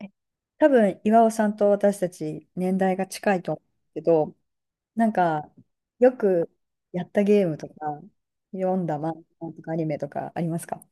え多分、岩尾さんと私たち年代が近いと思うけど、なんか、よくやったゲームとか、読んだ漫画とかアニメとかありますか？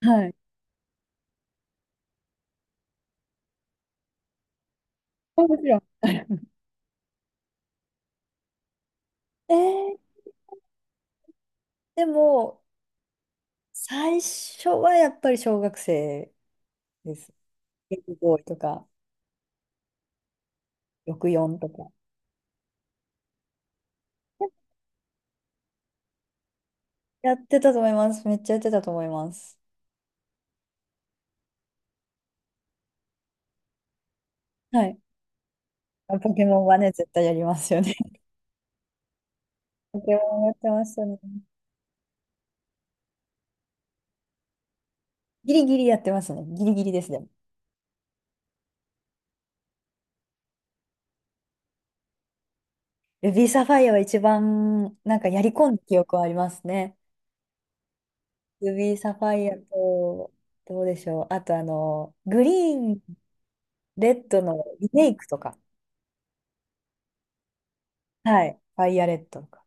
はい。もちろん。えー、でも、最初はやっぱり小学生です。ゲームボーイとか、64とか。やってたと思います。めっちゃやってたと思います。はい。ポケモンはね、絶対やりますよね。ポケモンやってましたね。ギリギリやってますね。ギリギリですね。ルビーサファイアは一番、やり込んだ記憶はありますね。ルビーサファイアと、どうでしょう。あと、グリーン、レッドのリメイクとか。はい。ファイアレッドとか。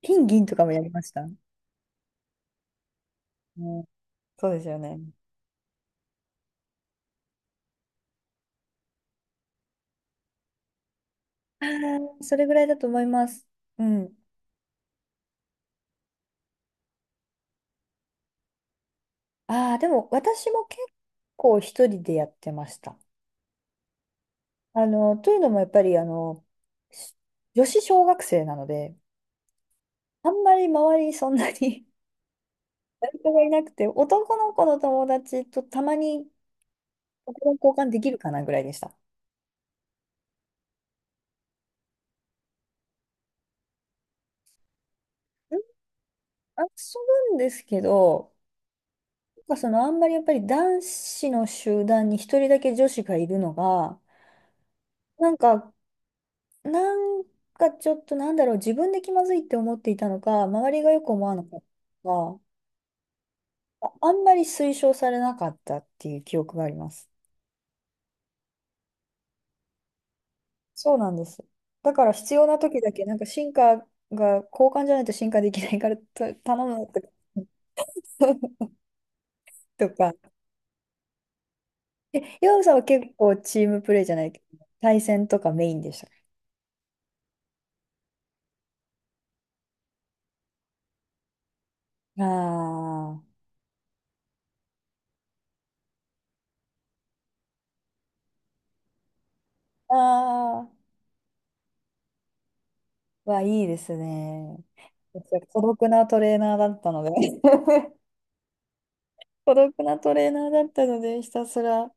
金、銀とかもやりました。うん、そうですよね。ああ、それぐらいだと思います。うん。ああ、でも私も結構一人でやってました。というのもやっぱり、し女子小学生なので、あんまり周りにそんなに 誰かがいなくて、男の子の友達とたまにポケモン交換できるかなぐらいでした。遊ぶんですけど、そのあんまりやっぱり男子の集団に一人だけ女子がいるのが、なんか、なんかちょっとなんだろう、自分で気まずいって思っていたのか、周りがよく思わなかったのか、あんまり推奨されなかったっていう記憶があります。そうなんです。だから必要な時だけ、進化が交換じゃないと進化できないからと頼むって とか。え、ヨウさんは結構チームプレーじゃないけど、対戦とかメインでしたか？ああああはいいですね。私孤独なトレーナーだったので 孤独なトレーナーだったので、ひたすら。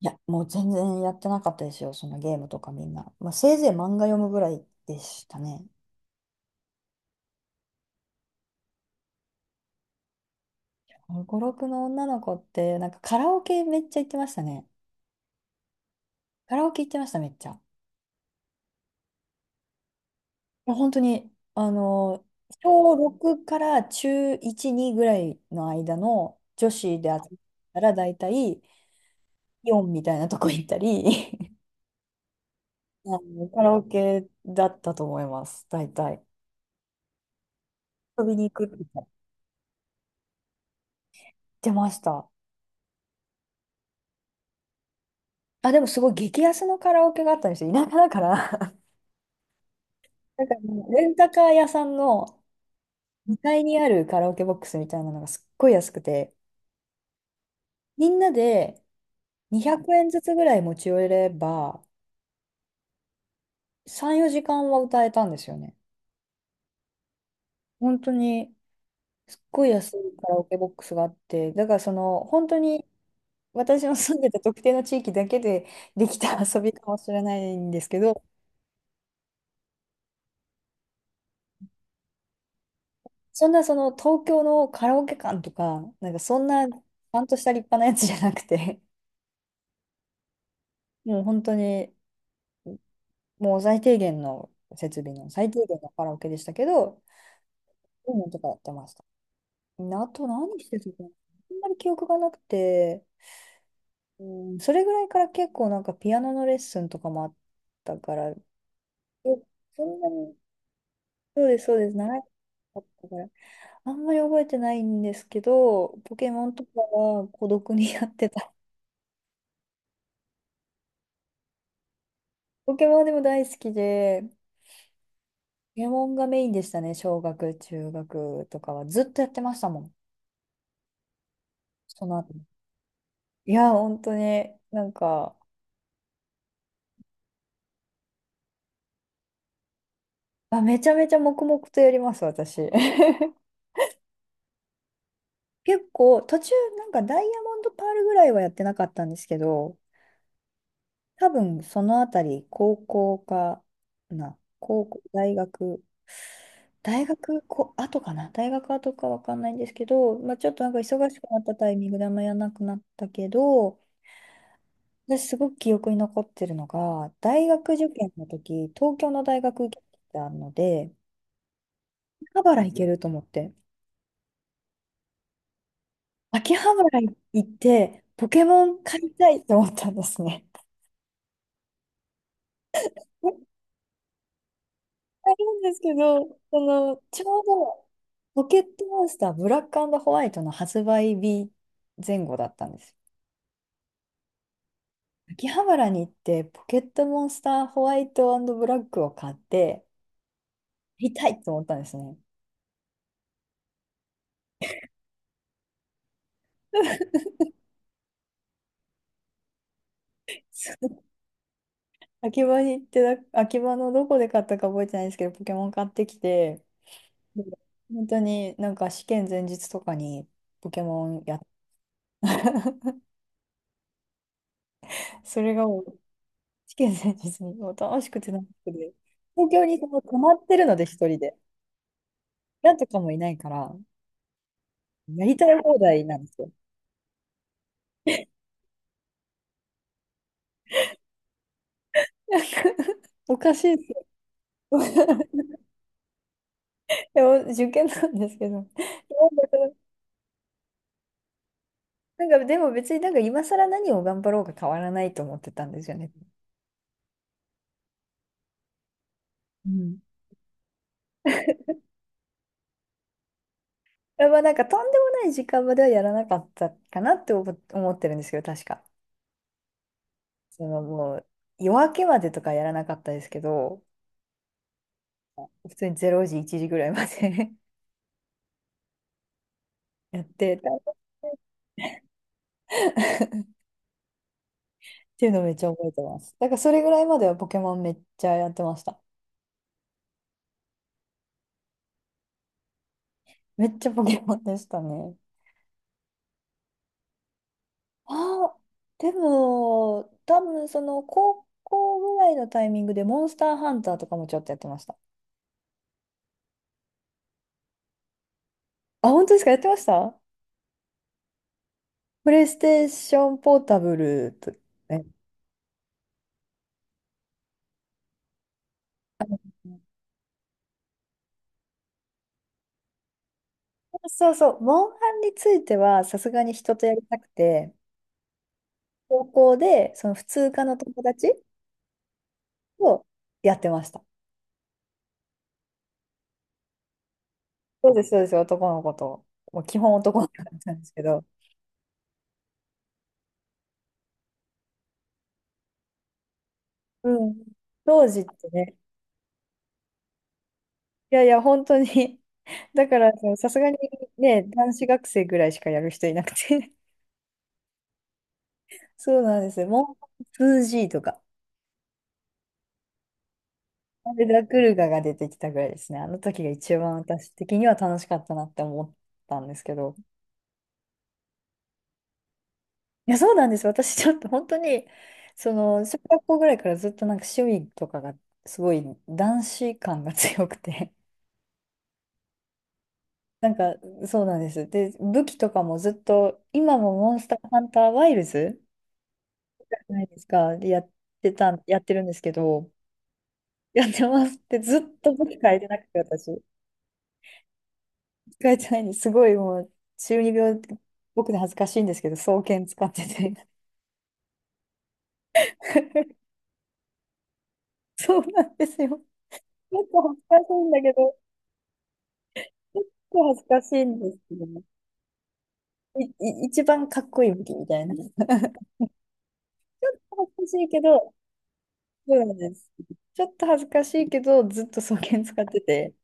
いや、もう全然やってなかったですよ、そのゲームとかみんな。まあ、せいぜい漫画読むぐらいでしたね。5、6の女の子って、カラオケめっちゃ行ってましたね。カラオケ行ってました、めっちゃ。や、本当に、小6から中1、2ぐらいの間の女子で集まったら、大体イオンみたいなとこ行ったり、あの、カラオケだったと思います、大体。遊びに行くって言ってました。あ、でもすごい激安のカラオケがあったんですよ。田舎だから。なんかもうレンタカー屋さんの2階にあるカラオケボックスみたいなのがすっごい安くて、みんなで200円ずつぐらい持ち寄れば、3、4時間は歌えたんですよね。本当に、すっごい安いカラオケボックスがあって、だからその、本当に私の住んでた特定の地域だけでできた遊びかもしれないんですけど、そんなその東京のカラオケ館とか、そんなゃんとした立派なやつじゃなくて、もう本当に、もう最低限の設備の最低限のカラオケでしたけど、そういうのとかやってました。あと何してたかなあんまり記憶がなくて、うそれぐらいから結構ピアノのレッスンとかもあったから、えそんなに、そうです、そうです、長かったから、あんまり覚えてないんですけど、ポケモンとかは孤独にやってた。ポケモンでも大好きで、ポケモンがメインでしたね、小学、中学とかは。ずっとやってましたもん、その後。いや、本当に、あ、めちゃめちゃ黙々とやります、私。結構、途中、ダイヤモンドパールぐらいはやってなかったんですけど、多分そのあたり、高校、大学こ後かな、大学後かわかんないんですけど、まあ、ちょっと忙しくなったタイミングであんまやらなくなったけど、私すごく記憶に残ってるのが、大学受験の時、東京の大学受けてたので、秋葉原行けると思って、秋葉原行って、ポケモン買いたいと思ったんですね。あるんですけど、ちょうど、ポケットモンスターブラックホワイトの発売日前後だったんです。秋葉原に行って、ポケットモンスターホワイトブラックを買って、見たいと思ったんですね。そう秋葉に行って、秋葉のどこで買ったか覚えてないんですけど、ポケモン買ってきて、で本当になんか試験前日とかにポケモンやって、それがもう試験前日にもう楽しくて楽しくて、東京にその泊まってるので、一人で。なんとかもいないから、やりたい放題なんですよ。おかしいですよ。でも受験なんですけど。なんか、でも別になんか今更何を頑張ろうか変わらないと思ってたんですよね。うん。やっぱなんかとんでもない時間まではやらなかったかなって思ってるんですけど、確か。そのもう夜明けまでとかやらなかったですけど、普通に0時、1時ぐらいまで やってたっていうのをめっちゃ覚えてます。だからそれぐらいまではポケモンめっちゃやってました。めっちゃポケモンでしたね。ああ、でも、多分その高校ぐらいのタイミングでモンスターハンターとかもちょっとやってました。あ、本当ですか？やってました。プレイステーションポータブルと、ね。そうそう、モンハンについてはさすがに人とやりたくて、高校でその普通科の友達とやってました。そうです、そうです、男の子と。もう基本男の子だったんですけど。うん。当時ってね、いやいや、本当に。だから、そのさすがにね、男子学生ぐらいしかやる人いなくて。そうなんですよ。もう 2G とか、アルダクルガが出てきたぐらいですね。あの時が一番私的には楽しかったなって思ったんですけど。いや、そうなんです。私ちょっと本当に、その、小学校ぐらいからずっと趣味とかがすごい男子感が強くて。なんか、そうなんです。で、武器とかもずっと、今もモンスターハンターワイルズないですか。で、やってるんですけど、やってますってずっと僕変えてなくて、私。変えてないんです。すごいもう、中二病、僕で恥ずかしいんですけど、双剣使ってて。そうなんですよ。結構恥ずかしいんだけど、結構恥ずかしいんですけどね。一番かっこいい武器みたいな。恥ずかしいけど、そうなんです。ちょっと恥ずかしいけど、ずっと双剣使ってて。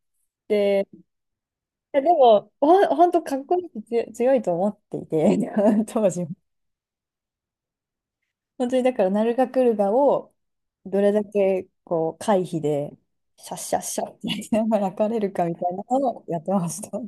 で、いやでも、ほんとかっこいいし強いと思っていて、当時本当にだから、ナルガクルガをどれだけこう回避で、シャッシャッシャッってやりながら焼かれるかみたいなのをやってました。